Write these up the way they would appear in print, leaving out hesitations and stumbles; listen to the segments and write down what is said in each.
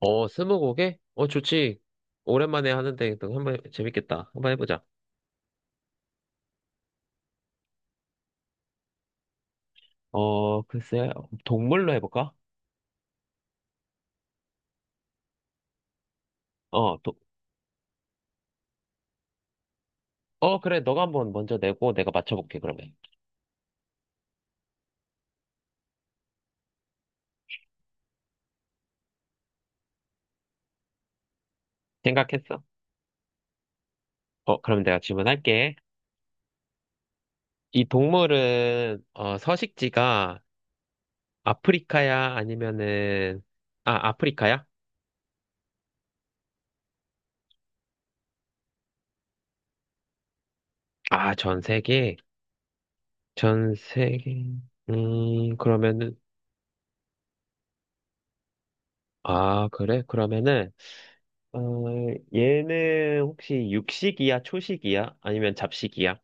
스무고개? 좋지. 오랜만에 하는데 또 재밌겠다. 한번 해보자. 어, 글쎄, 동물로 해볼까? 어, 도, 어, 그래. 너가 한번 먼저 내고 내가 맞춰볼게, 그러면. 생각했어? 그럼 내가 질문할게. 이 동물은, 서식지가 아프리카야? 아, 아프리카야? 아, 전 세계? 전 세계. 그러면은, 아, 그래? 그러면은, 어, 얘는 혹시 육식이야, 초식이야? 아니면 잡식이야?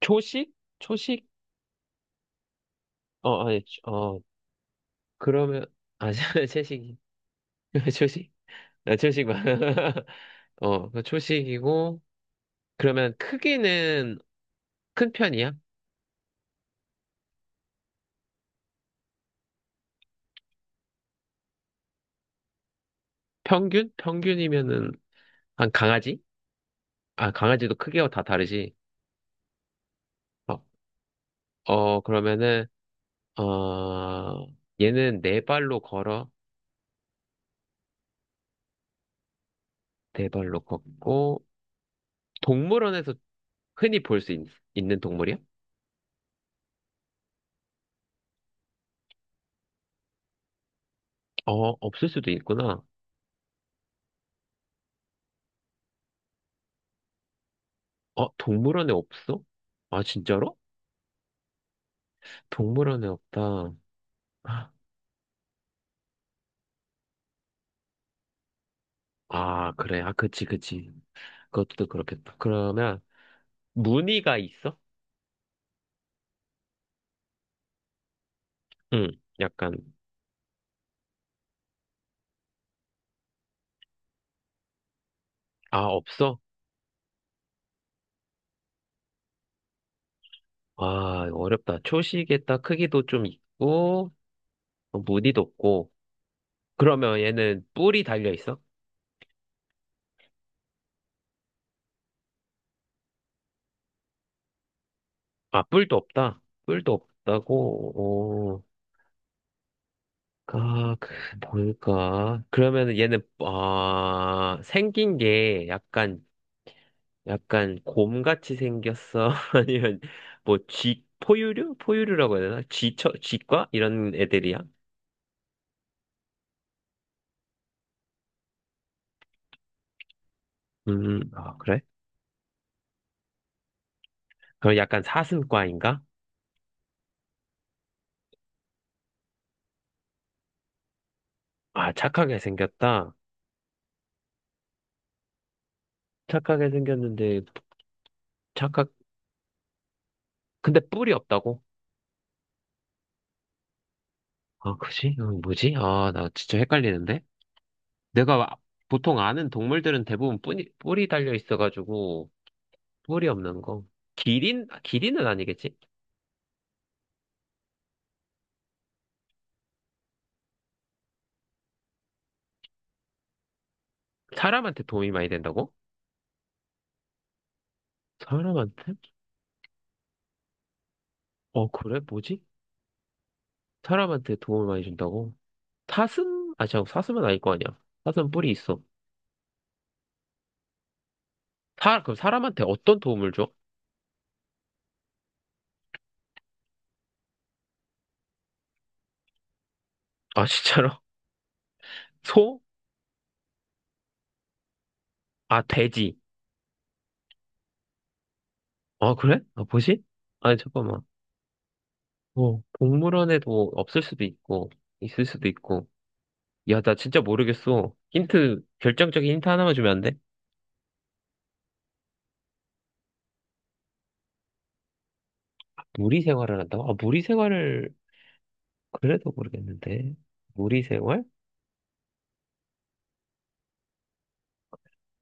초식? 초식? 어, 아니, 어, 그러면, 아, 채식이. 초식? 초식 만 초식이고, 그러면 크기는 큰 편이야? 평균? 평균이면은, 한 강아지? 아, 강아지도 크기가 다 다르지. 어, 그러면은, 어, 얘는 네 발로 걸어, 네 발로 걷고, 동물원에서 흔히 볼 수 있는 동물이야? 어, 없을 수도 있구나. 동물원에 없어? 아, 진짜로? 동물원에 없다. 아, 그래. 아, 그치, 그치. 그것도 그렇겠다. 그러면, 무늬가 있어? 응, 약간. 아, 없어? 아, 이거 어렵다. 초식에 딱 크기도 좀 있고, 무늬도 없고. 그러면 얘는 뿔이 달려 있어? 아, 뿔도 없다. 뿔도 없다고. 아, 그, 뭘까? 그러면 얘는, 생긴 게 약간, 약간 곰같이 생겼어? 아니면 포유류? 포유류라고 해야 되나? 쥐과? 이런 애들이야? 아, 그래? 그럼 약간 사슴과인가? 아, 착하게 생겼다. 착하게 생겼는데, 착각, 근데 뿔이 없다고? 아, 그지? 어, 뭐지? 아, 나 진짜 헷갈리는데? 내가 아- 보통 아는 동물들은 대부분 뿔이 달려 있어가지고, 뿔이 없는 거. 기린? 아, 기린은 아니겠지? 사람한테 도움이 많이 된다고? 사람한테? 어, 그래? 뭐지? 사람한테 도움을 많이 준다고? 사슴? 아, 잠깐, 사슴은 아닐 거 아니야. 사슴 뿔이 있어. 그럼 사람한테 어떤 도움을 줘? 아, 진짜로? 소? 아, 돼지. 아, 그래? 아, 뭐지? 아니, 잠깐만. 동물원에도 없을 수도 있고, 있을 수도 있고. 야, 나 진짜 모르겠어. 힌트, 결정적인 힌트 하나만 주면 안 돼? 무리 생활을 한다고? 아, 무리 생활을, 그래도 모르겠는데. 무리 생활?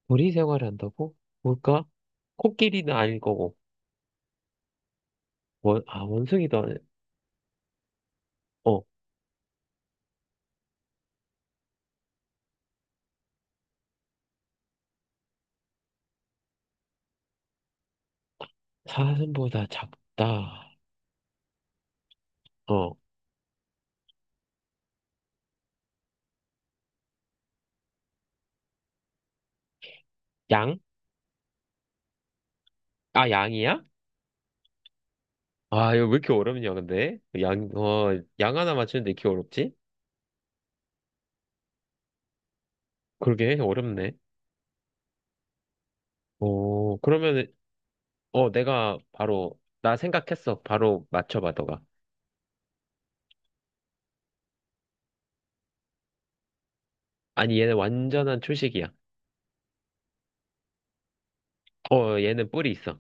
무리 생활을 한다고? 뭘까? 코끼리는 아닐 거고, 원숭이도 아니, 어. 사슴보다 작다. 어, 양? 아, 양이야? 아, 이거 왜 이렇게 어렵냐, 근데? 양 하나 맞추는데 이렇게 어렵지? 그러게, 어렵네. 그러면, 내가 나 생각했어. 바로 맞춰봐, 너가. 아니, 얘는 완전한 초식이야. 어, 얘는 뿔이 있어.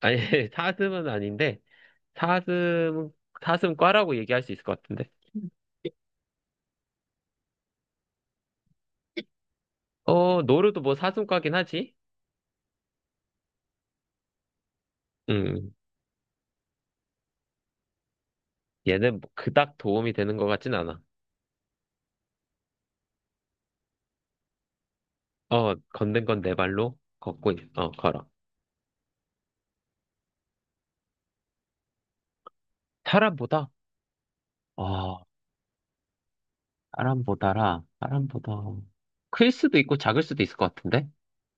아니, 사슴은 아닌데, 사슴, 사슴과라고 얘기할 수 있을 것 같은데. 어, 노루도 뭐 사슴과긴 하지? 음, 얘는 뭐 그닥 도움이 되는 것 같진 않아. 어, 걷는 건 내 발로 걸어. 사람보다? 어, 사람보다. 클 수도 있고 작을 수도 있을 것 같은데?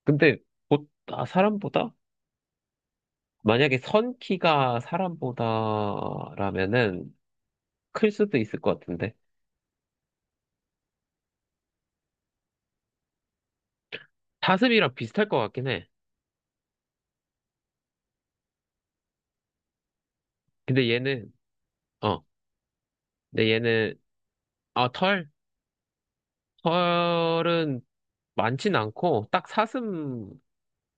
근데, 아, 사람보다? 만약에 선 키가 사람보다라면은 클 수도 있을 것 같은데? 사슴이랑 비슷할 것 같긴 해. 근데 얘는, 어, 근데 얘는, 아, 털? 털은 많진 않고, 딱 사슴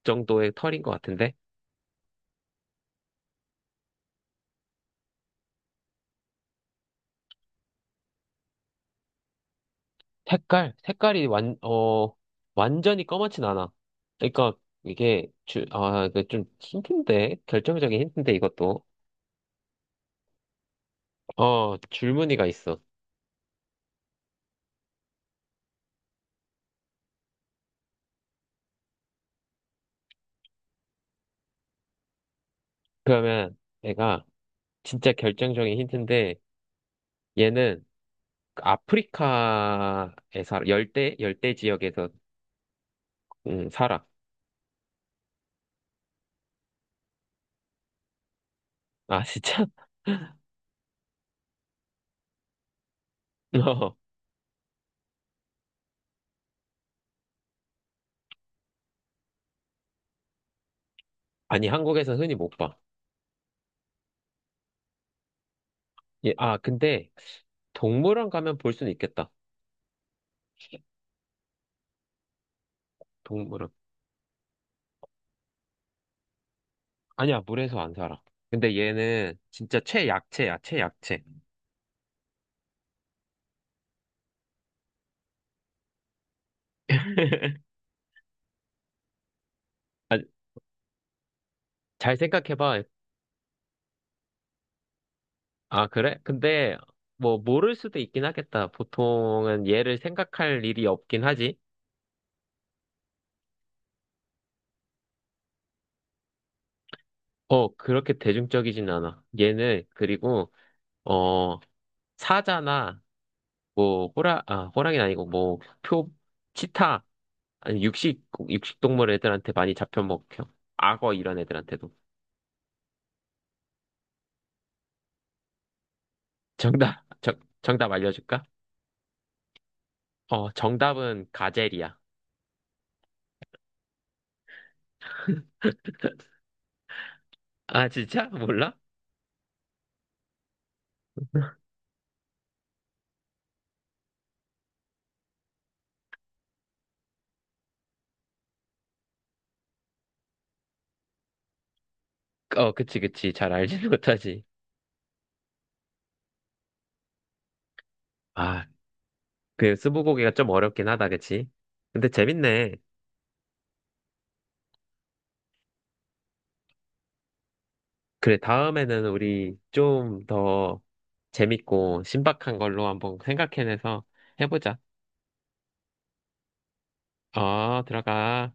정도의 털인 것 같은데? 색깔? 완전히 검맣진 않아. 그러니까 아, 이거 좀 힌트인데? 결정적인 힌트인데 이것도. 어, 줄무늬가 있어. 그러면 얘가 진짜 결정적인 힌트인데 얘는 그 아프리카에 살아. 열대 지역에서 살아. 아, 진짜? 어, 아니, 한국에서 흔히 못 봐. 근데 동물원 가면 볼 수는 있겠다. 동물원. 아니야, 물에서 안 살아. 근데 얘는 진짜 최약체야, 최약체. 아, 잘 생각해봐. 아, 그래? 근데 뭐 모를 수도 있긴 하겠다. 보통은 얘를 생각할 일이 없긴 하지. 어, 그렇게 대중적이진 않아. 얘는 그리고 어 사자나 호랑이는 아니고 뭐표 치타 아니 육식 육식 동물 애들한테 많이 잡혀 먹혀. 악어 이런 애들한테도. 정답 알려줄까? 어, 정답은 가젤이야. 아, 진짜? 몰라? 어, 그치, 그치. 잘 알지는 못하지. 아, 그 스무고개가 좀 어렵긴 하다, 그치? 근데 재밌네. 그래, 다음에는 우리 좀 더 재밌고 신박한 걸로 한번 생각해내서 해보자. 어, 들어가.